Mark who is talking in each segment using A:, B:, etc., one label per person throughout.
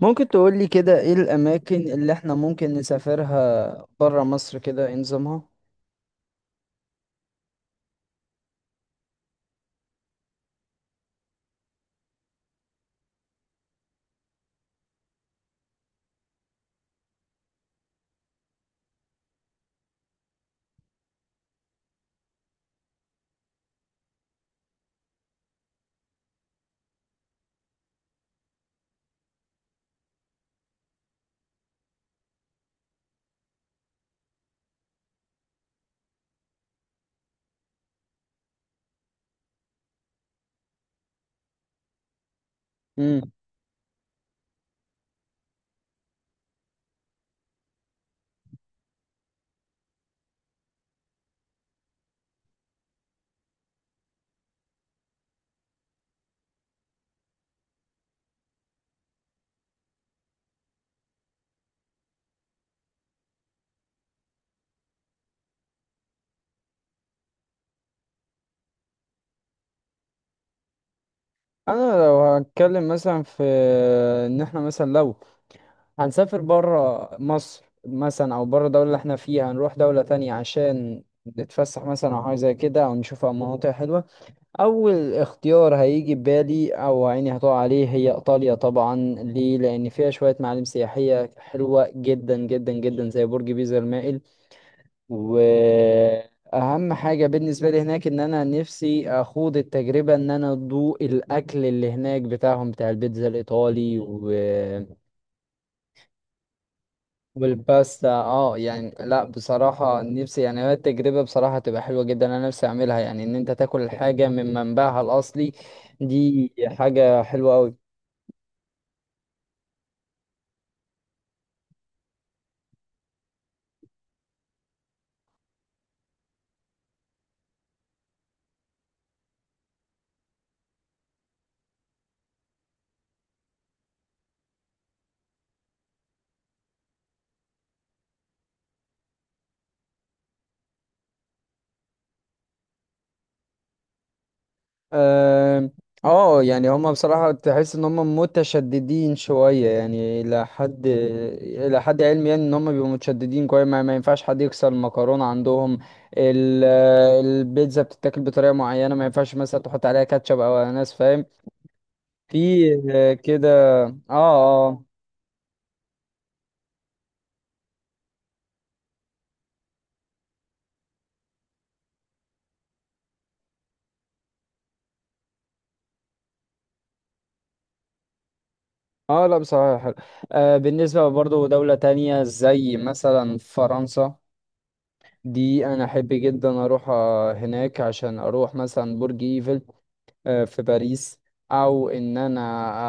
A: ممكن تقولي كده ايه الاماكن اللي احنا ممكن نسافرها برا مصر كده ايه نظامها. امم انا لو هتكلم مثلا في ان احنا مثلا لو هنسافر برا مصر مثلا او برا الدولة اللي احنا فيها هنروح دولة تانية عشان نتفسح مثلا او حاجة زي كده او نشوف مناطق حلوة. اول اختيار هيجي ببالي او عيني هتقع عليه هي ايطاليا طبعا، ليه؟ لان فيها شوية معالم سياحية حلوة جدا جدا جدا زي برج بيزا المائل. واهم حاجه بالنسبه لي هناك ان انا نفسي اخوض التجربه ان انا ادوق الاكل اللي هناك بتاعهم بتاع البيتزا الايطالي والباستا. اه يعني لا بصراحه نفسي، يعني هي التجربه بصراحه تبقى حلوه جدا، انا نفسي اعملها يعني ان انت تاكل الحاجه من منبعها الاصلي. دي حاجه حلوه قوي. اه، يعني هما بصراحة تحس ان هما متشددين شوية، يعني الى حد علمي يعني ان هما بيبقوا متشددين كويس. ما ينفعش حد يكسر المكرونة عندهم. ال- البيتزا بتتاكل بطريقة معينة، ما ينفعش مثلا تحط عليها كاتشب او اناناس، فاهم؟ في كده. اه اه. اه لا بصراحة حلو. آه، بالنسبة برضو دولة تانية زي مثلا فرنسا، دي انا احب جدا اروح هناك عشان اروح مثلا برج ايفل، في باريس. او ان انا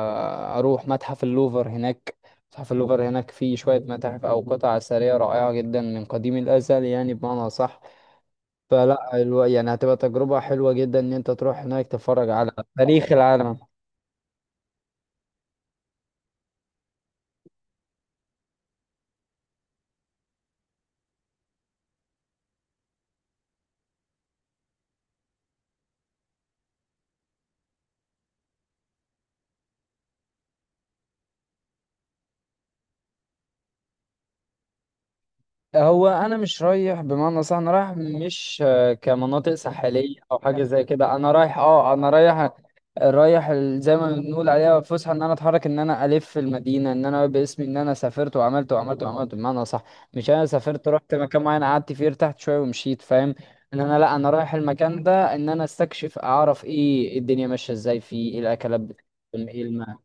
A: اروح متحف اللوفر هناك. متحف اللوفر هناك فيه شوية متاحف او قطع اثرية رائعة جدا من قديم الازل، يعني بمعنى صح. يعني هتبقى تجربة حلوة جدا ان انت تروح هناك تتفرج على تاريخ العالم. هو انا مش رايح بمعنى صح، انا رايح مش كمناطق ساحليه او حاجه زي كده، انا رايح اه انا رايح، زي ما بنقول عليها فسحه، ان انا اتحرك، ان انا الف في المدينه، ان انا باسمي ان انا سافرت وعملت وعملت وعملت بمعنى صح. مش انا سافرت رحت مكان معين قعدت فيه ارتحت شويه ومشيت، فاهم؟ ان انا لا، انا رايح المكان ده ان انا استكشف، اعرف ايه الدنيا ماشيه ازاي، فيه ايه الاكلات بتاعتهم، ايه الماء.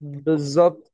A: بالظبط.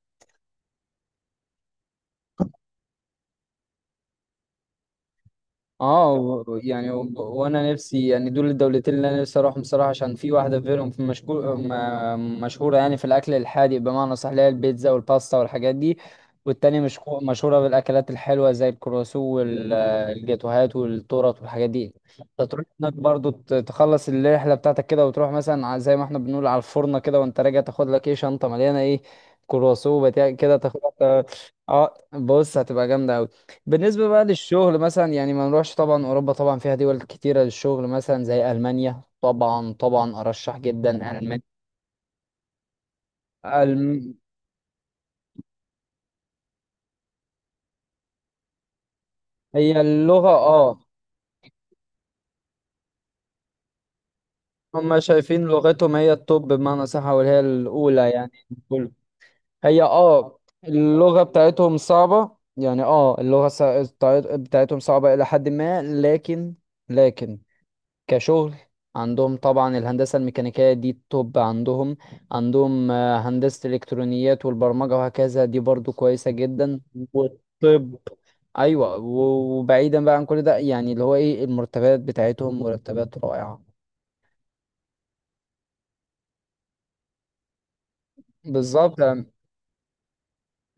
A: اه، وانا نفسي يعني دول الدولتين اللي انا نفسي اروحهم صراحه، عشان في واحده غيرهم في مشكور مشهوره يعني في الاكل الحادق بمعنى صح، اللي هي البيتزا والباستا والحاجات دي. والتانية مش مشهوره بالاكلات الحلوه زي الكرواسو والجاتوهات والتورت والحاجات دي. فتروح هناك برضو تخلص الرحله بتاعتك كده وتروح مثلا زي ما احنا بنقول على الفرنه كده، وانت راجع تاخد لك ايه، شنطه مليانه ايه، كرواسو بتاع كده تاخد. اه. آه، بص هتبقى جامده أوي. بالنسبة بقى للشغل مثلا، يعني ما نروحش طبعا، أوروبا طبعا فيها دول كتيرة للشغل مثلا زي ألمانيا. طبعا طبعا أرشح جدا ألمانيا. ألم... هي اللغة، اه. هما شايفين لغتهم هي التوب بمعنى صح وهي الأولى يعني. كله. هي اه اللغة بتاعتهم صعبة يعني، اه اللغة بتاعتهم صعبة إلى حد ما. لكن، لكن، كشغل، عندهم طبعا الهندسة الميكانيكية دي التوب عندهم. عندهم هندسة الإلكترونيات والبرمجة وهكذا دي برضو كويسة جدا. والطب، أيوة. وبعيدا بقى عن كل ده يعني اللي هو إيه المرتبات بتاعتهم، مرتبات رائعة. بالظبط. آه،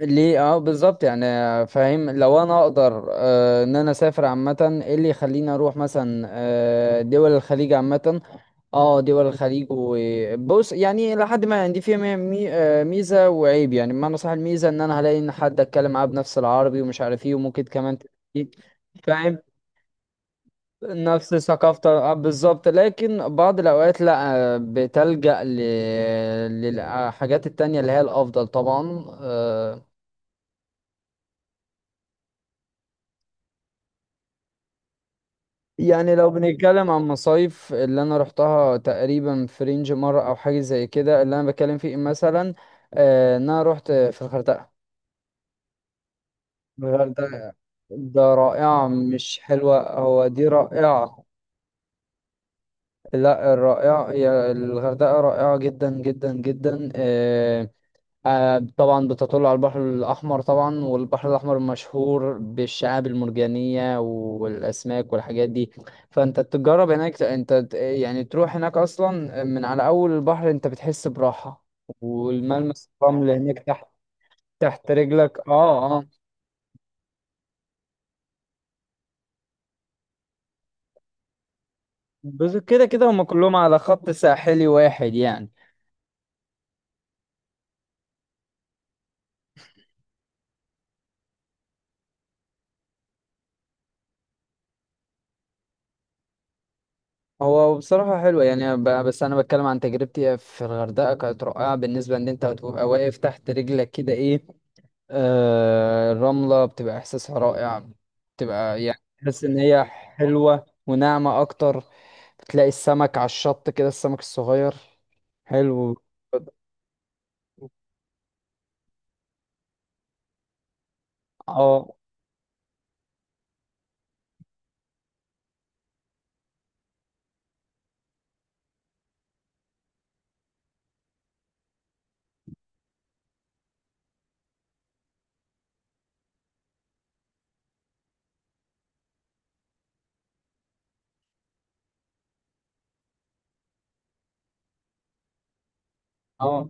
A: ليه، اه بالظبط يعني. آه، فاهم، لو انا اقدر آه ان انا اسافر عامه، ايه اللي يخليني اروح مثلا آه دول الخليج عامه؟ اه دول الخليج، وبص يعني لحد ما يعني دي فيها ميزه وعيب يعني بمعنى صح. الميزه ان انا هلاقي ان حد اتكلم معاه بنفس العربي ومش عارف ايه، وممكن كمان تلاقي. فاهم؟ نفس ثقافته، آه، بالظبط. لكن بعض الاوقات لا، بتلجأ للحاجات التانية اللي هي الافضل طبعا. آه، يعني لو بنتكلم عن مصايف اللي انا رحتها، تقريبا في رينج مره او حاجه زي كده اللي انا بتكلم فيه مثلا. آه، ان انا رحت في الغردقه. الغردقة ده رائعة، مش حلوة، هو دي رائعة. لا، الرائعة هي الغردقة، رائعة جدا جدا جدا. آه، آه، طبعا بتطل على البحر الأحمر طبعا، والبحر الأحمر مشهور بالشعاب المرجانية والأسماك والحاجات دي. فأنت تجرب هناك، أنت يعني تروح هناك أصلا من على أول البحر أنت بتحس براحة، والملمس الرمل هناك تحت، تحت رجلك. اه اه. بس كده كده هما كلهم على خط ساحلي واحد يعني. هو بصراحة حلوة يعني، بس أنا بتكلم عن تجربتي في الغردقة كانت رائعة. بالنسبة إن أنت بتبقى واقف تحت رجلك كده إيه، آه الرملة بتبقى إحساسها رائع، بتبقى يعني تحس إن هي حلوة وناعمة أكتر. بتلاقي السمك على الشط كده، السمك الصغير، حلو. اه اه.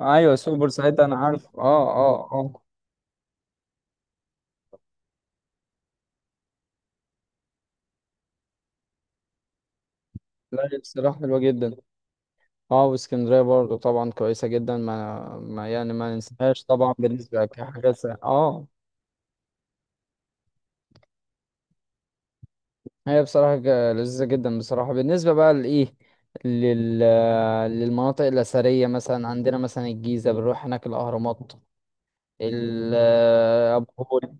A: آه. أيوة سوبر ساعتها أنا عارف. اه اه اه. لا هي بصراحة حلوة جدا. اه، واسكندريه برضه طبعا كويسه جدا، ما يعني ما ننساهاش طبعا، بالنسبه كحاجه اه. هي بصراحه لذيذه جدا بصراحه. بالنسبه بقى لايه، لل للمناطق الاثريه مثلا، عندنا مثلا الجيزه بنروح هناك الاهرامات، ال- ابو الهول.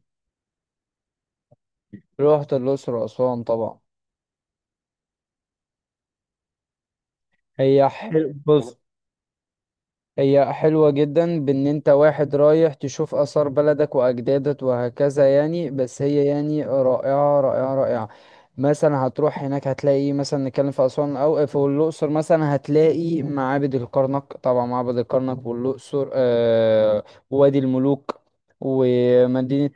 A: رحت الاقصر واسوان طبعا. هي حلو بص، هي حلوة جدا بان انت واحد رايح تشوف اثار بلدك واجدادك وهكذا يعني، بس هي يعني رائعة رائعة رائعة. مثلا هتروح هناك هتلاقي إيه؟ مثلا نتكلم في اسوان او في الاقصر، مثلا هتلاقي معابد الكرنك طبعا، معبد الكرنك والاقصر، آه وادي الملوك ومدينة.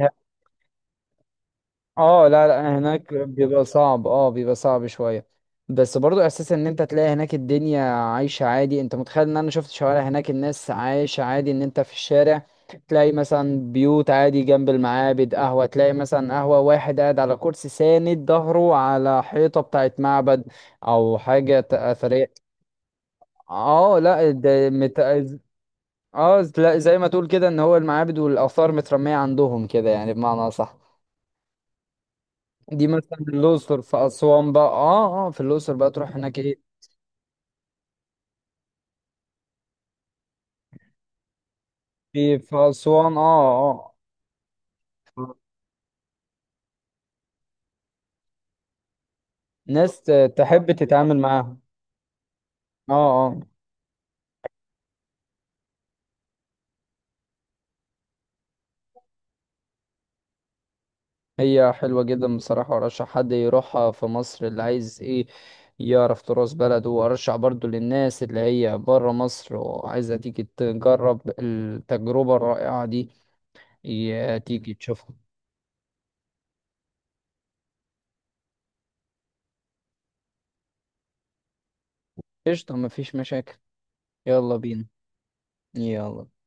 A: اه لا لا، هناك بيبقى صعب، اه بيبقى صعب شوية. بس برضو احساس ان انت تلاقي هناك الدنيا عايشة عادي. انت متخيل ان انا شفت شوارع هناك الناس عايشة عادي، ان انت في الشارع تلاقي مثلا بيوت عادي جنب المعابد، قهوة تلاقي مثلا، قهوة واحد قاعد على كرسي ساند ظهره على حيطة بتاعت معبد او حاجة اثرية. اه لا ده اه لا، زي ما تقول كده ان هو المعابد والاثار مترمية عندهم كده يعني بمعنى صح. دي مثلا الأقصر في أسوان بقى، اه اه، في الأقصر بقى تروح هناك ايه. في في أسوان، اه اه. آه. ناس تحب تتعامل معاهم. اه. اه. هي حلوة جدا بصراحة، وأرشح حد يروحها في مصر اللي عايز ايه يعرف تراث بلده. وأرشح برضو للناس اللي هي برا مصر وعايزة تيجي تجرب التجربة الرائعة دي، تيجي تشوفها. قشطة، مفيش مشاكل، يلا بينا. يلا.